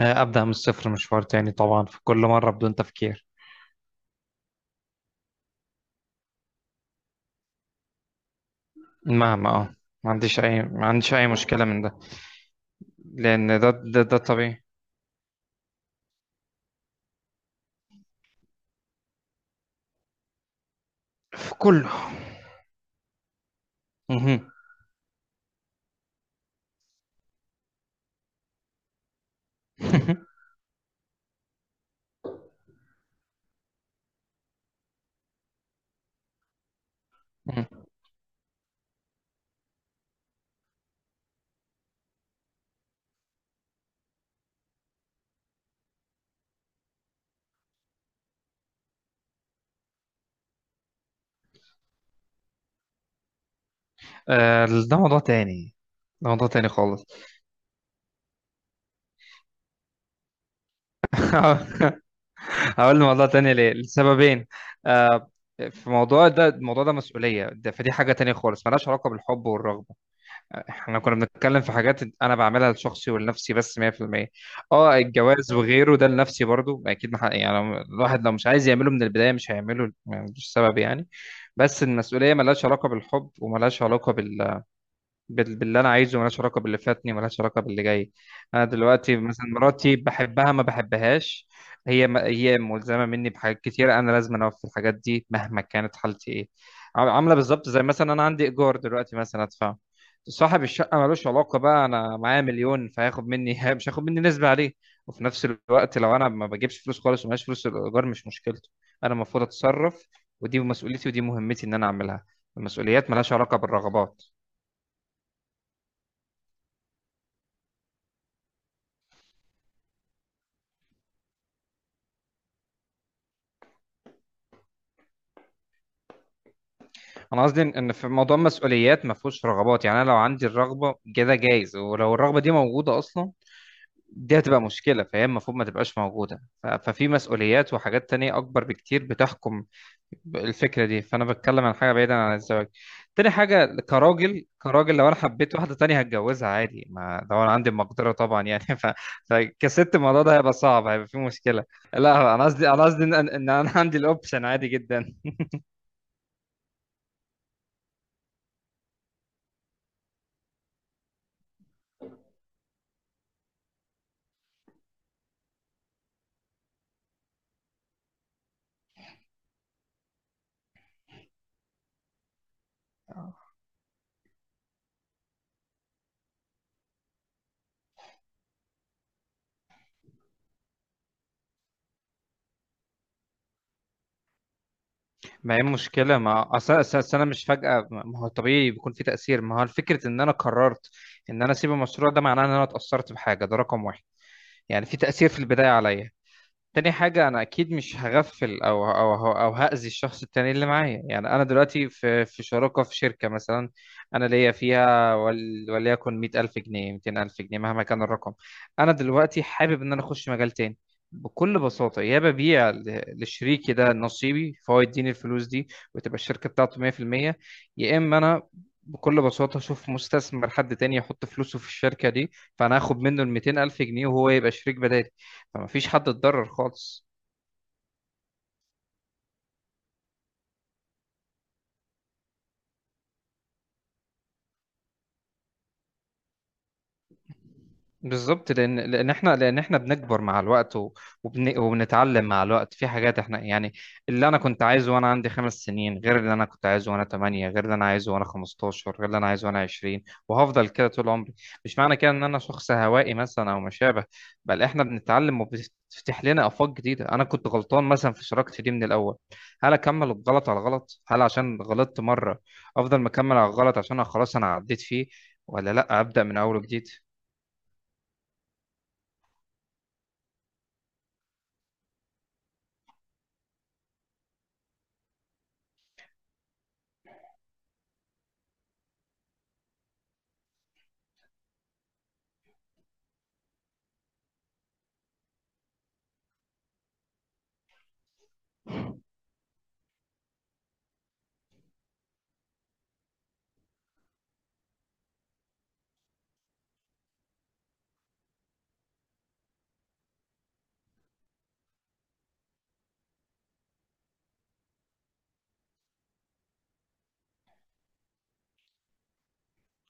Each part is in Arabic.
آه، أبدأ من الصفر مشوار تاني طبعا في كل مرة بدون تفكير. مهما ما عنديش أي مشكلة من ده. لأن ده طبيعي. في كله. مهم. مهم. آه، ده موضوع تاني. ده موضوع تاني خالص. هقول موضوع تاني ليه لسببين. آه، في موضوع ده الموضوع ده مسؤولية، ده فدي حاجة تانية خالص ملهاش علاقة بالحب والرغبة. احنا كنا بنتكلم في حاجات انا بعملها لشخصي ولنفسي بس 100%. اه الجواز وغيره ده لنفسي برضو اكيد، ما حد- يعني الواحد لو مش عايز يعمله من البدايه مش هيعمله، مش سبب يعني. بس المسؤوليه ملهاش علاقه بالحب وملهاش علاقه باللي انا عايزه، ملهاش علاقه باللي فاتني، ملهاش علاقه باللي جاي. انا دلوقتي مثلا مراتي بحبها ما بحبهاش. هي ملزمه مني بحاجات كتير، انا لازم اوفي الحاجات دي مهما كانت حالتي ايه. عامله بالظبط زي مثلا انا عندي ايجار دلوقتي مثلا ادفعه. صاحب الشقه ملوش علاقه بقى انا معايا مليون فهياخد مني مش هياخد مني نسبه عليه. وفي نفس الوقت لو انا ما بجيبش فلوس خالص ومعيش فلوس، الايجار مش مشكلته، انا المفروض اتصرف. ودي مسؤوليتي ودي مهمتي ان انا اعملها. المسؤوليات ملهاش علاقه بالرغبات. انا قصدي ان إن في موضوع المسؤوليات ما فيهوش رغبات. يعني انا لو عندي الرغبه كده جايز، ولو الرغبه دي موجوده اصلا دي هتبقى مشكله، فهي المفروض ما تبقاش موجوده. ففي مسؤوليات وحاجات تانية اكبر بكتير بتحكم الفكره دي، فانا بتكلم عن حاجه بعيدا عن الزواج. تاني حاجه كراجل، كراجل لو انا حبيت واحده تانية هتجوزها عادي، ما لو انا عندي المقدره طبعا يعني. فكست الموضوع ده هيبقى صعب، هيبقى فيه مشكله. لا انا قصدي، انا قصدي ان إن إن انا عندي الاوبشن عادي جدا. ما هي مشكلة، ما أصل أنا مش فجأة، ما هو طبيعي بيكون في تأثير. ما هو الفكرة إن أنا قررت إن أنا أسيب المشروع ده معناه إن أنا اتأثرت بحاجة، ده رقم واحد. يعني في تأثير في البداية عليا. تاني حاجة أنا أكيد مش هغفل أو هأذي الشخص التاني اللي معايا. يعني أنا دلوقتي في شراكة في شركة مثلا. أنا ليا فيها وليكن 100 ألف جنيه، 200 ألف جنيه، مهما كان الرقم. أنا دلوقتي حابب إن أنا أخش مجال تاني. بكل بساطة يا ببيع لشريكي ده نصيبي فهو يديني الفلوس دي وتبقى الشركة بتاعته 100%. يا إما أنا بكل بساطة أشوف مستثمر، حد تاني يحط فلوسه في الشركة دي، فأنا هاخد منه ال 200 ألف جنيه وهو يبقى شريك بدالي. فما فيش حد اتضرر خالص. بالظبط، لان احنا بنكبر مع الوقت وبنتعلم مع الوقت في حاجات. احنا يعني اللي انا كنت عايزه وانا عندي 5 سنين غير اللي انا كنت عايزه وانا 8، غير اللي انا عايزه وانا 15، غير اللي انا عايزه وانا 20. وهفضل كده طول عمري. مش معنى كده ان انا شخص هوائي مثلا او ما شابه، بل احنا بنتعلم وبتفتح لنا افاق جديده. انا كنت غلطان مثلا في شراكتي دي من الاول، هل اكمل الغلط على غلط؟ هل عشان غلطت مره افضل مكمل على الغلط عشان أنا خلاص انا عديت فيه، ولا لا ابدا من اول وجديد.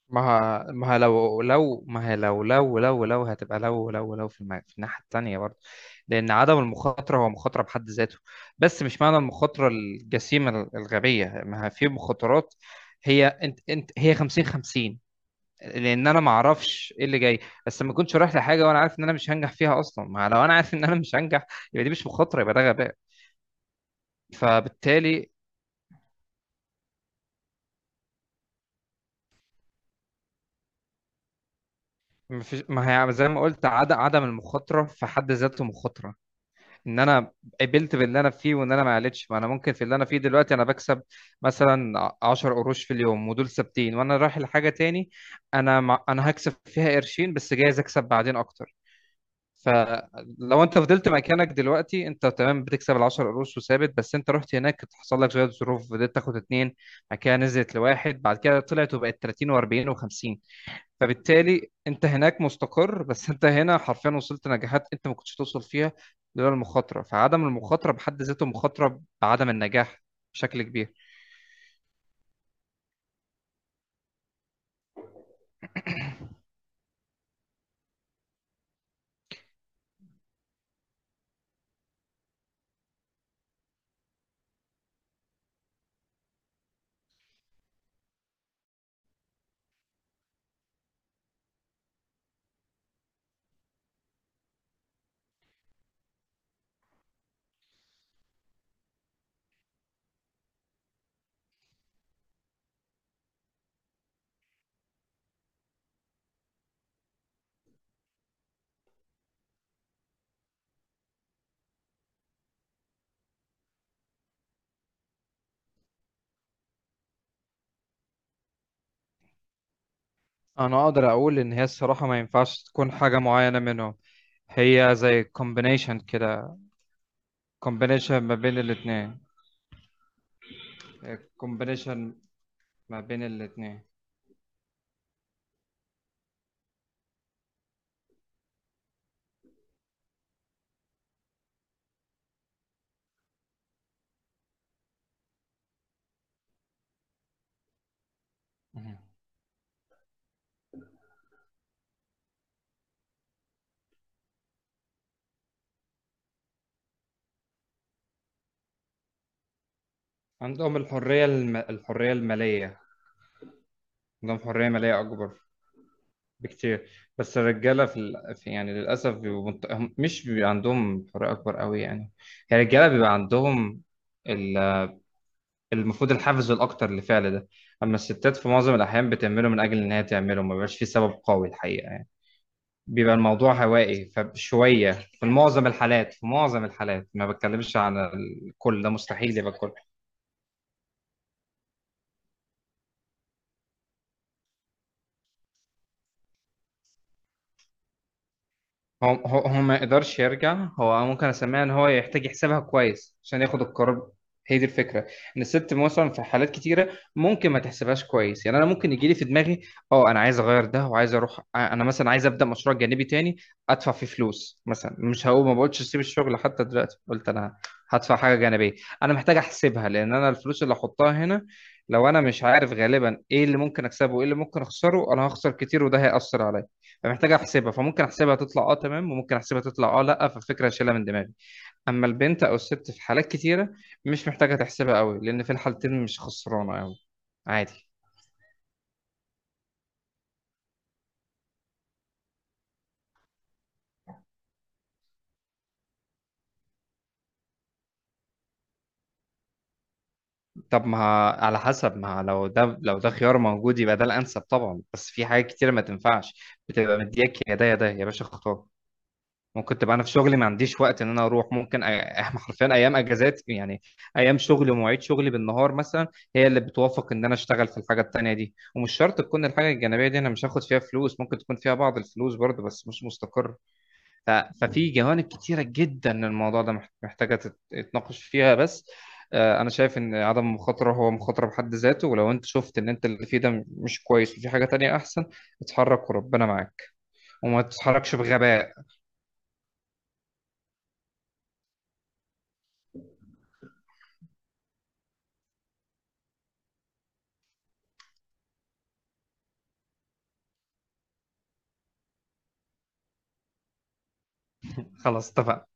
ما ه- ما ه- لو لو ما هي لو لو لو لو هتبقى لو لو في الناحية التانية برضه. لأن عدم المخاطرة هو مخاطرة بحد ذاته. بس مش معنى المخاطرة الجسيمة الغبية، ما هي في مخاطرات. هي انت، هي 50 50. لأن أنا ما أعرفش إيه اللي جاي، بس ما كنتش رايح لحاجة وأنا عارف إن أنا مش هنجح فيها أصلا. ما لو أنا عارف إن أنا مش هنجح يبقى دي مش مخاطرة، يبقى ده غباء. فبالتالي، ما فيش، ما هي زي ما قلت، عدم المخاطرة في حد ذاته مخاطرة. ان انا قبلت باللي انا فيه وان انا ما قلتش. ما انا ممكن في اللي انا فيه دلوقتي انا بكسب مثلا 10 قروش في اليوم ودول ثابتين، وانا رايح لحاجه تاني. انا مع... انا هكسب فيها قرشين، بس جايز اكسب بعدين اكتر. فلو انت فضلت مكانك دلوقتي انت تمام بتكسب ال 10 قروش وثابت، بس انت رحت هناك حصل لك شويه ظروف فضلت تاخد اتنين، بعد كده نزلت لواحد، بعد كده طلعت وبقت 30 و40 و50. فبالتالي انت هناك مستقر، بس انت هنا حرفيا وصلت نجاحات انت ما كنتش توصل فيها لولا المخاطره. فعدم المخاطره بحد ذاته مخاطره بعدم النجاح بشكل كبير. انا اقدر اقول ان هي الصراحه ما ينفعش تكون حاجه معينه منهم. هي زي كومبينيشن كده، كومبينيشن ما بين الاثنين. كومبينيشن ما بين الاثنين عندهم الحريه، الحريه الماليه. عندهم حريه ماليه اكبر بكتير. بس الرجاله في يعني للاسف مش بيبقى عندهم حريه اكبر قوي يعني. يعني الرجاله بيبقى عندهم ال... المفروض الحافز الاكتر لفعل ده. اما الستات في معظم الاحيان بتعمله من اجل ان هي تعمله، ما بيبقاش في سبب قوي الحقيقه يعني. بيبقى الموضوع هوائي فشويه في معظم الحالات. في معظم الحالات، ما بتكلمش عن الكل، ده مستحيل يبقى الكل. هو ما يقدرش يرجع. هو ممكن اسميها ان هو يحتاج يحسبها كويس عشان ياخد القرار. هي دي الفكره. ان الست مثلا في حالات كتيره ممكن ما تحسبهاش كويس. يعني انا ممكن يجي لي في دماغي اه انا عايز اغير ده وعايز اروح، آه، انا مثلا عايز ابدا مشروع جانبي تاني ادفع فيه فلوس مثلا. مش هقول، ما بقولش اسيب الشغل حتى دلوقتي. قلت انا هدفع حاجه جانبيه. انا محتاج احسبها لان انا الفلوس اللي احطها هنا لو انا مش عارف غالبا ايه اللي ممكن اكسبه وايه اللي ممكن اخسره انا هخسر كتير وده هيأثر عليا. فمحتاج احسبها، فممكن احسبها تطلع اه تمام، وممكن احسبها تطلع اه لا فالفكره اشيلها من دماغي. اما البنت او الست في حالات كتيره مش محتاجه تحسبها قوي لان في الحالتين مش خسرانه قوي. عادي. طب ما على حسب، ما لو ده لو ده خيار موجود يبقى ده الانسب طبعا، بس في حاجات كتيره ما تنفعش. بتبقى مدياك يا ده يا ده، يا باشا اختار. ممكن تبقى انا في شغلي ما عنديش وقت ان انا اروح. ممكن احنا حرفيا ايام اجازات يعني، ايام شغلي ومواعيد شغلي بالنهار مثلا هي اللي بتوافق ان انا اشتغل في الحاجه التانيه دي. ومش شرط تكون الحاجه الجانبيه دي انا مش هاخد فيها فلوس، ممكن تكون فيها بعض الفلوس برضه بس مش مستقر. ففي جوانب كتيره جدا الموضوع ده محتاجه تتناقش فيها. بس آه، انا شايف ان عدم المخاطره هو مخاطره بحد ذاته، ولو انت شفت ان انت اللي فيه ده مش كويس وفي حاجه تانية احسن اتحرك وربنا معاك، وما تتحركش بغباء. خلاص اتفقنا.